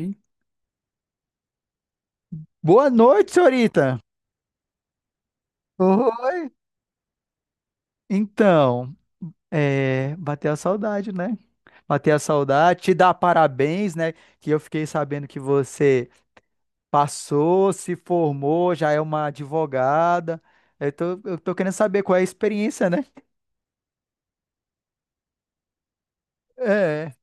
Hum. Boa noite, senhorita. Oi. Então, é, bateu a saudade, né? Bateu a saudade, te dar parabéns, né? Que eu fiquei sabendo que você passou, se formou, já é uma advogada. Eu tô querendo saber qual é a experiência, né? É.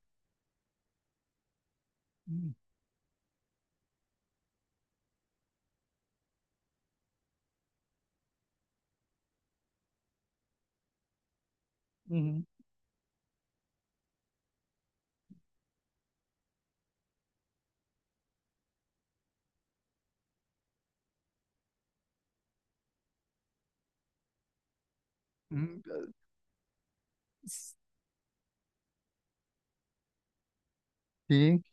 Uhum. Uhum. Sim.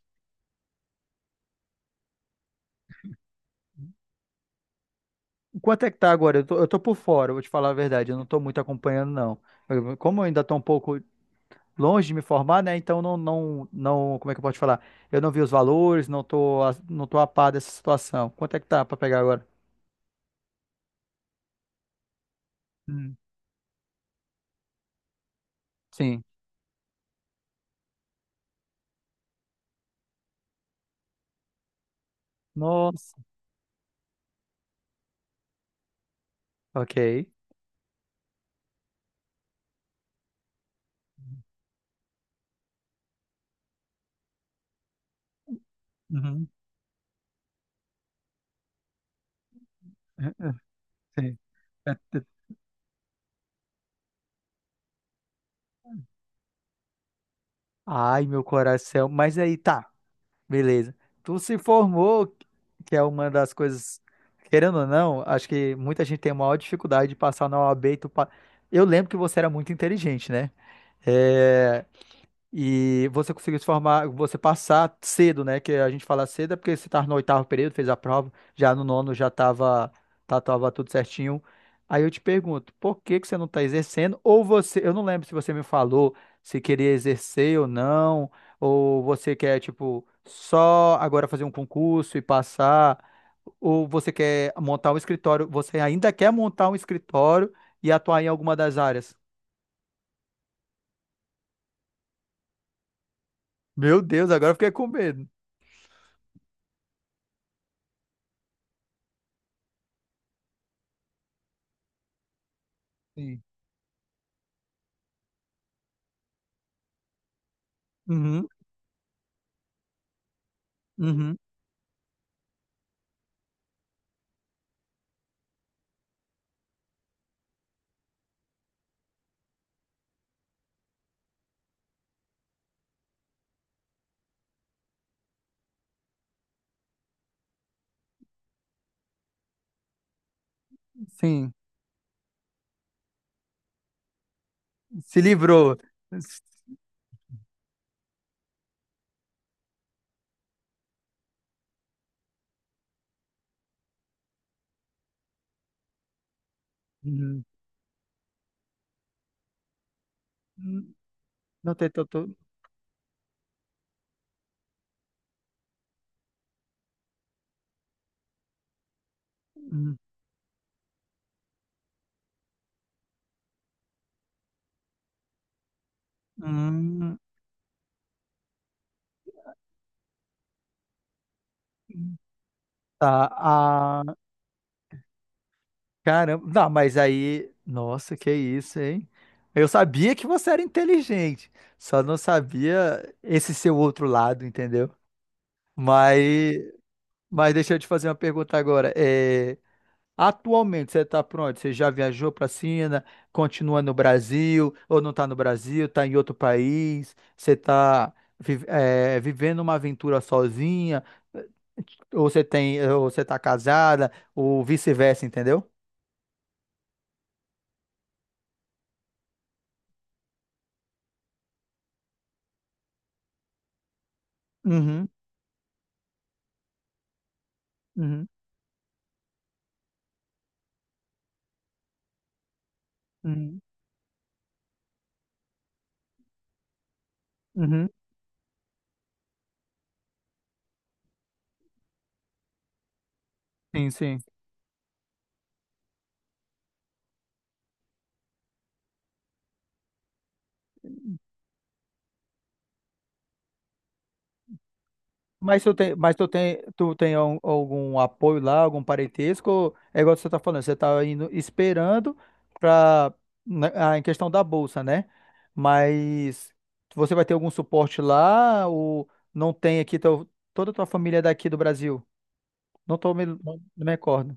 Quanto é que tá agora? Eu tô por fora, vou te falar a verdade. Eu não tô muito acompanhando, não. Eu, como eu ainda tô um pouco longe de me formar, né? Então não, como é que eu posso te falar? Eu não vi os valores, não tô, a- não tô a par dessa situação. Quanto é que tá pra pegar agora? Hum. Sim. Nossa. Ok. Uhum. Sim. É, é- Ai, meu coração. Mas aí, tá, beleza. Tu se formou, que é uma das coisas, querendo ou não, acho que muita gente tem a maior dificuldade de passar na OAB. E tu pa... Eu lembro que você era muito inteligente, né? É, e você conseguiu se formar, você passar cedo, né? Que a gente fala cedo é porque você estava no oitavo período, fez a prova, já no nono já estava tá, tava tudo certinho. Aí eu te pergunto, por que que você não está exercendo? Ou você, eu não lembro se você me falou se queria exercer ou não, ou você quer, tipo, só agora fazer um concurso e passar, ou você quer montar um escritório, você ainda quer montar um escritório e atuar em alguma das áreas. Meu Deus, agora eu fiquei com medo. Sim. Uhum. Uhum, sim, se livrou. Uhum. Não tem tanto. Uhum. Hum. Tá, ah, caramba. Não, mas aí, nossa, que isso, hein? Eu sabia que você era inteligente, só não sabia esse seu outro lado, entendeu? Mas, mas deixa eu te fazer uma pergunta agora. É, atualmente, você está pronto? Você já viajou para a China? Continua no Brasil? Ou não está no Brasil? Está em outro país? Você está vivendo uma aventura sozinha? Ou você tem, ou você está casada? Ou vice-versa, entendeu? Uhum, uhum, uhum, uhum. Sim, sim. Tu tem al- algum apoio lá, algum parentesco? Ou é igual você tá falando, você tá indo esperando para em questão da bolsa, né? Mas você vai ter algum suporte lá ou não tem aqui teu, toda a tua família é daqui do Brasil? Não me recordo.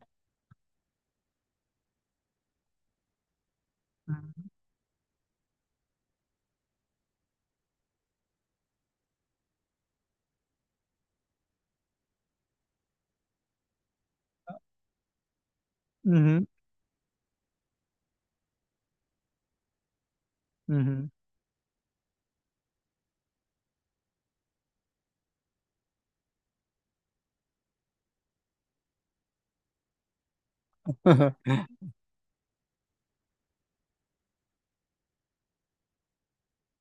Uhum, uhum.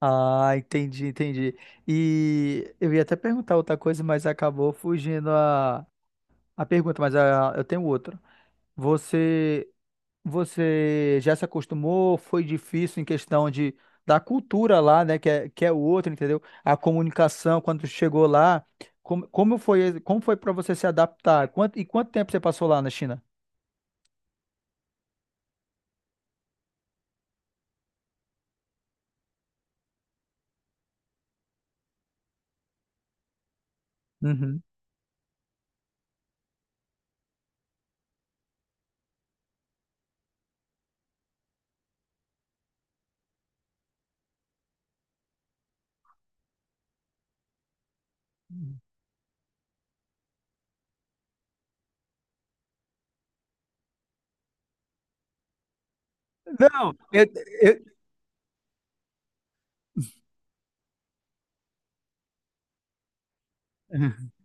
Ah, entendi, entendi. E eu ia até perguntar outra coisa, mas acabou fugindo a pergunta, mas a, eu tenho outra. Você Você já se acostumou? Foi difícil em questão de da cultura lá, né? Que é outra, entendeu? A comunicação quando chegou lá, como foi, como foi para você se adaptar? Quanto, e quanto tempo você passou lá na China? Uhum. Não, eu-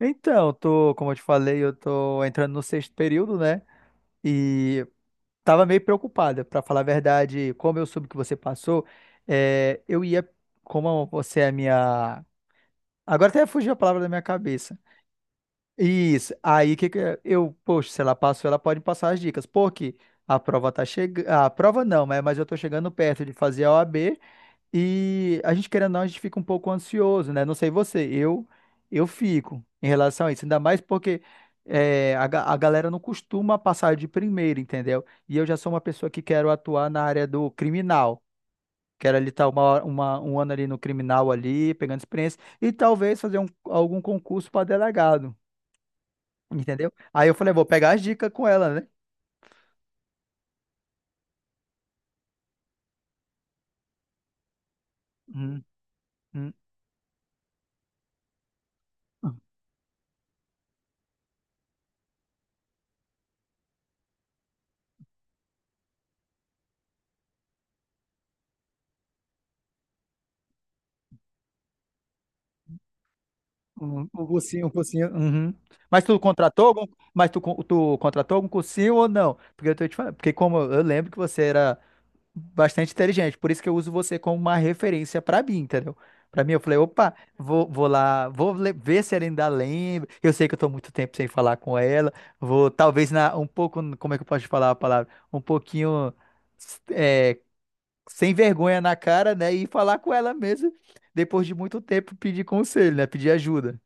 Então, tô, como eu te falei, eu tô entrando no sexto período, né? E tava meio preocupada, pra falar a verdade, como eu soube que você passou, é, eu ia, como você é a minha, agora até fugiu a palavra da minha cabeça. Isso. Aí que é? Eu, poxa, se ela passou, ela pode passar as dicas. Porque a prova tá chegando. A prova não, né? Mas eu tô chegando perto de fazer a OAB e a gente, querendo ou não, a gente fica um pouco ansioso, né? Não sei você, eu fico em relação a isso. Ainda mais porque é, a, ga- a galera não costuma passar de primeiro, entendeu? E eu já sou uma pessoa que quero atuar na área do criminal. Quero ali estar uma, hora- uma, um ano ali no criminal ali, pegando experiência, e talvez fazer um, algum concurso para delegado, entendeu? Aí eu falei, vou pegar as dicas com ela, né? Uhum, uhum, uhum, Um cursinho. Uhum. Mas tu contratou algum, tu contratou algum cursinho ou não? Porque eu tô te falando, porque como eu lembro que você era bastante inteligente. Por isso que eu uso você como uma referência para mim, entendeu? Para mim, eu falei, opa, vou lá, vou le- ver se ela ainda lembra. Eu sei que eu tô muito tempo sem falar com ela. Vou, talvez, na, um pouco, como é que eu posso falar a palavra? Um pouquinho, é, sem vergonha na cara, né? E falar com ela mesmo, depois de muito tempo, pedir conselho, né? Pedir ajuda.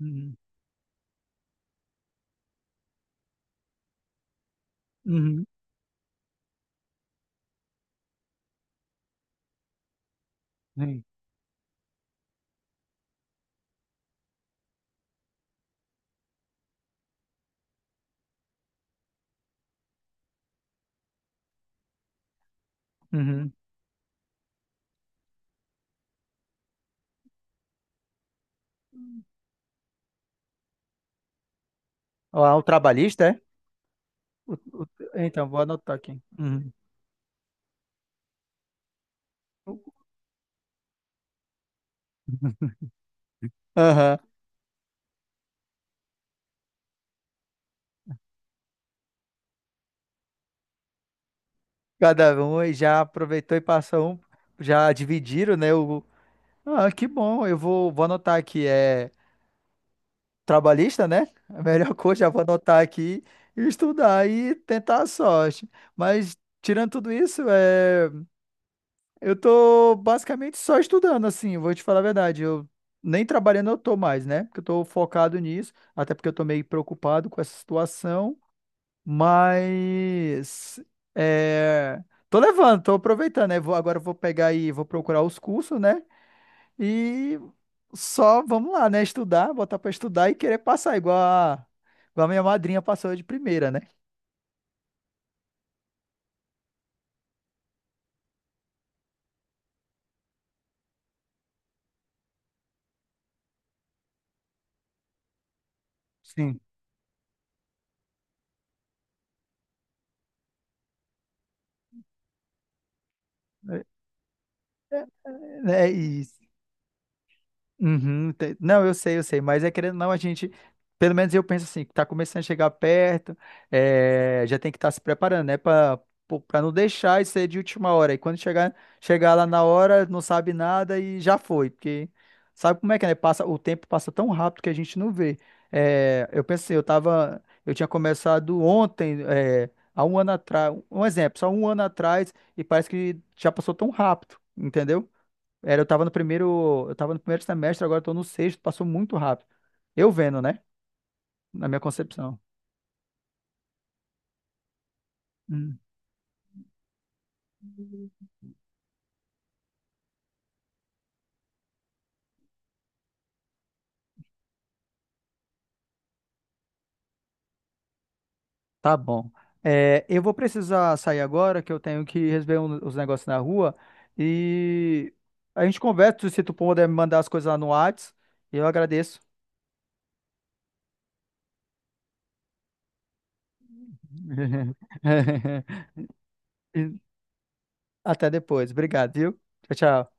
Uhum. Uhum. Sim. Uhum. Ó, o trabalhista, é? O- o- então, vou anotar aqui. Uhum. Aham. Cada um e já aproveitou e passou um, já dividiram, né? O, ah, que bom, eu vou, vou anotar aqui, é trabalhista, né? A melhor coisa, já vou anotar aqui e estudar e tentar a sorte. Mas tirando tudo isso, é, eu tô basicamente só estudando, assim, vou te falar a verdade, eu nem trabalhando eu tô mais, né? Porque eu tô focado nisso, até porque eu tô meio preocupado com essa situação. Mas é, tô levando, tô aproveitando, né? Vou, agora eu vou pegar e vou procurar os cursos, né? E só vamos lá, né? Estudar, botar pra estudar e querer passar, igual a minha madrinha passou de primeira, né? Sim. É, é isso. Uhum, te- não, eu sei, mas é querendo ou não, a gente, pelo menos eu penso assim, que tá começando a chegar perto, é, já tem que estar se preparando, né, para não deixar isso aí de última hora. E quando chegar, chegar lá na hora, não sabe nada e já foi, porque sabe como é que é, né? Passa, o tempo passa tão rápido que a gente não vê. É, eu pensei, eu tava, eu tinha começado ontem, é, há um ano atrás, um exemplo, só um ano atrás, e parece que já passou tão rápido, entendeu? Era, eu tava no primeiro semestre, agora eu tô no sexto, passou muito rápido. Eu vendo, né? Na minha concepção. Hum, tá bom. É, eu vou precisar sair agora, que eu tenho que resolver os negócios na rua. E a gente conversa, se tu puder me mandar as coisas lá no Whats, eu agradeço. Até depois. Obrigado, viu? Tchau, tchau.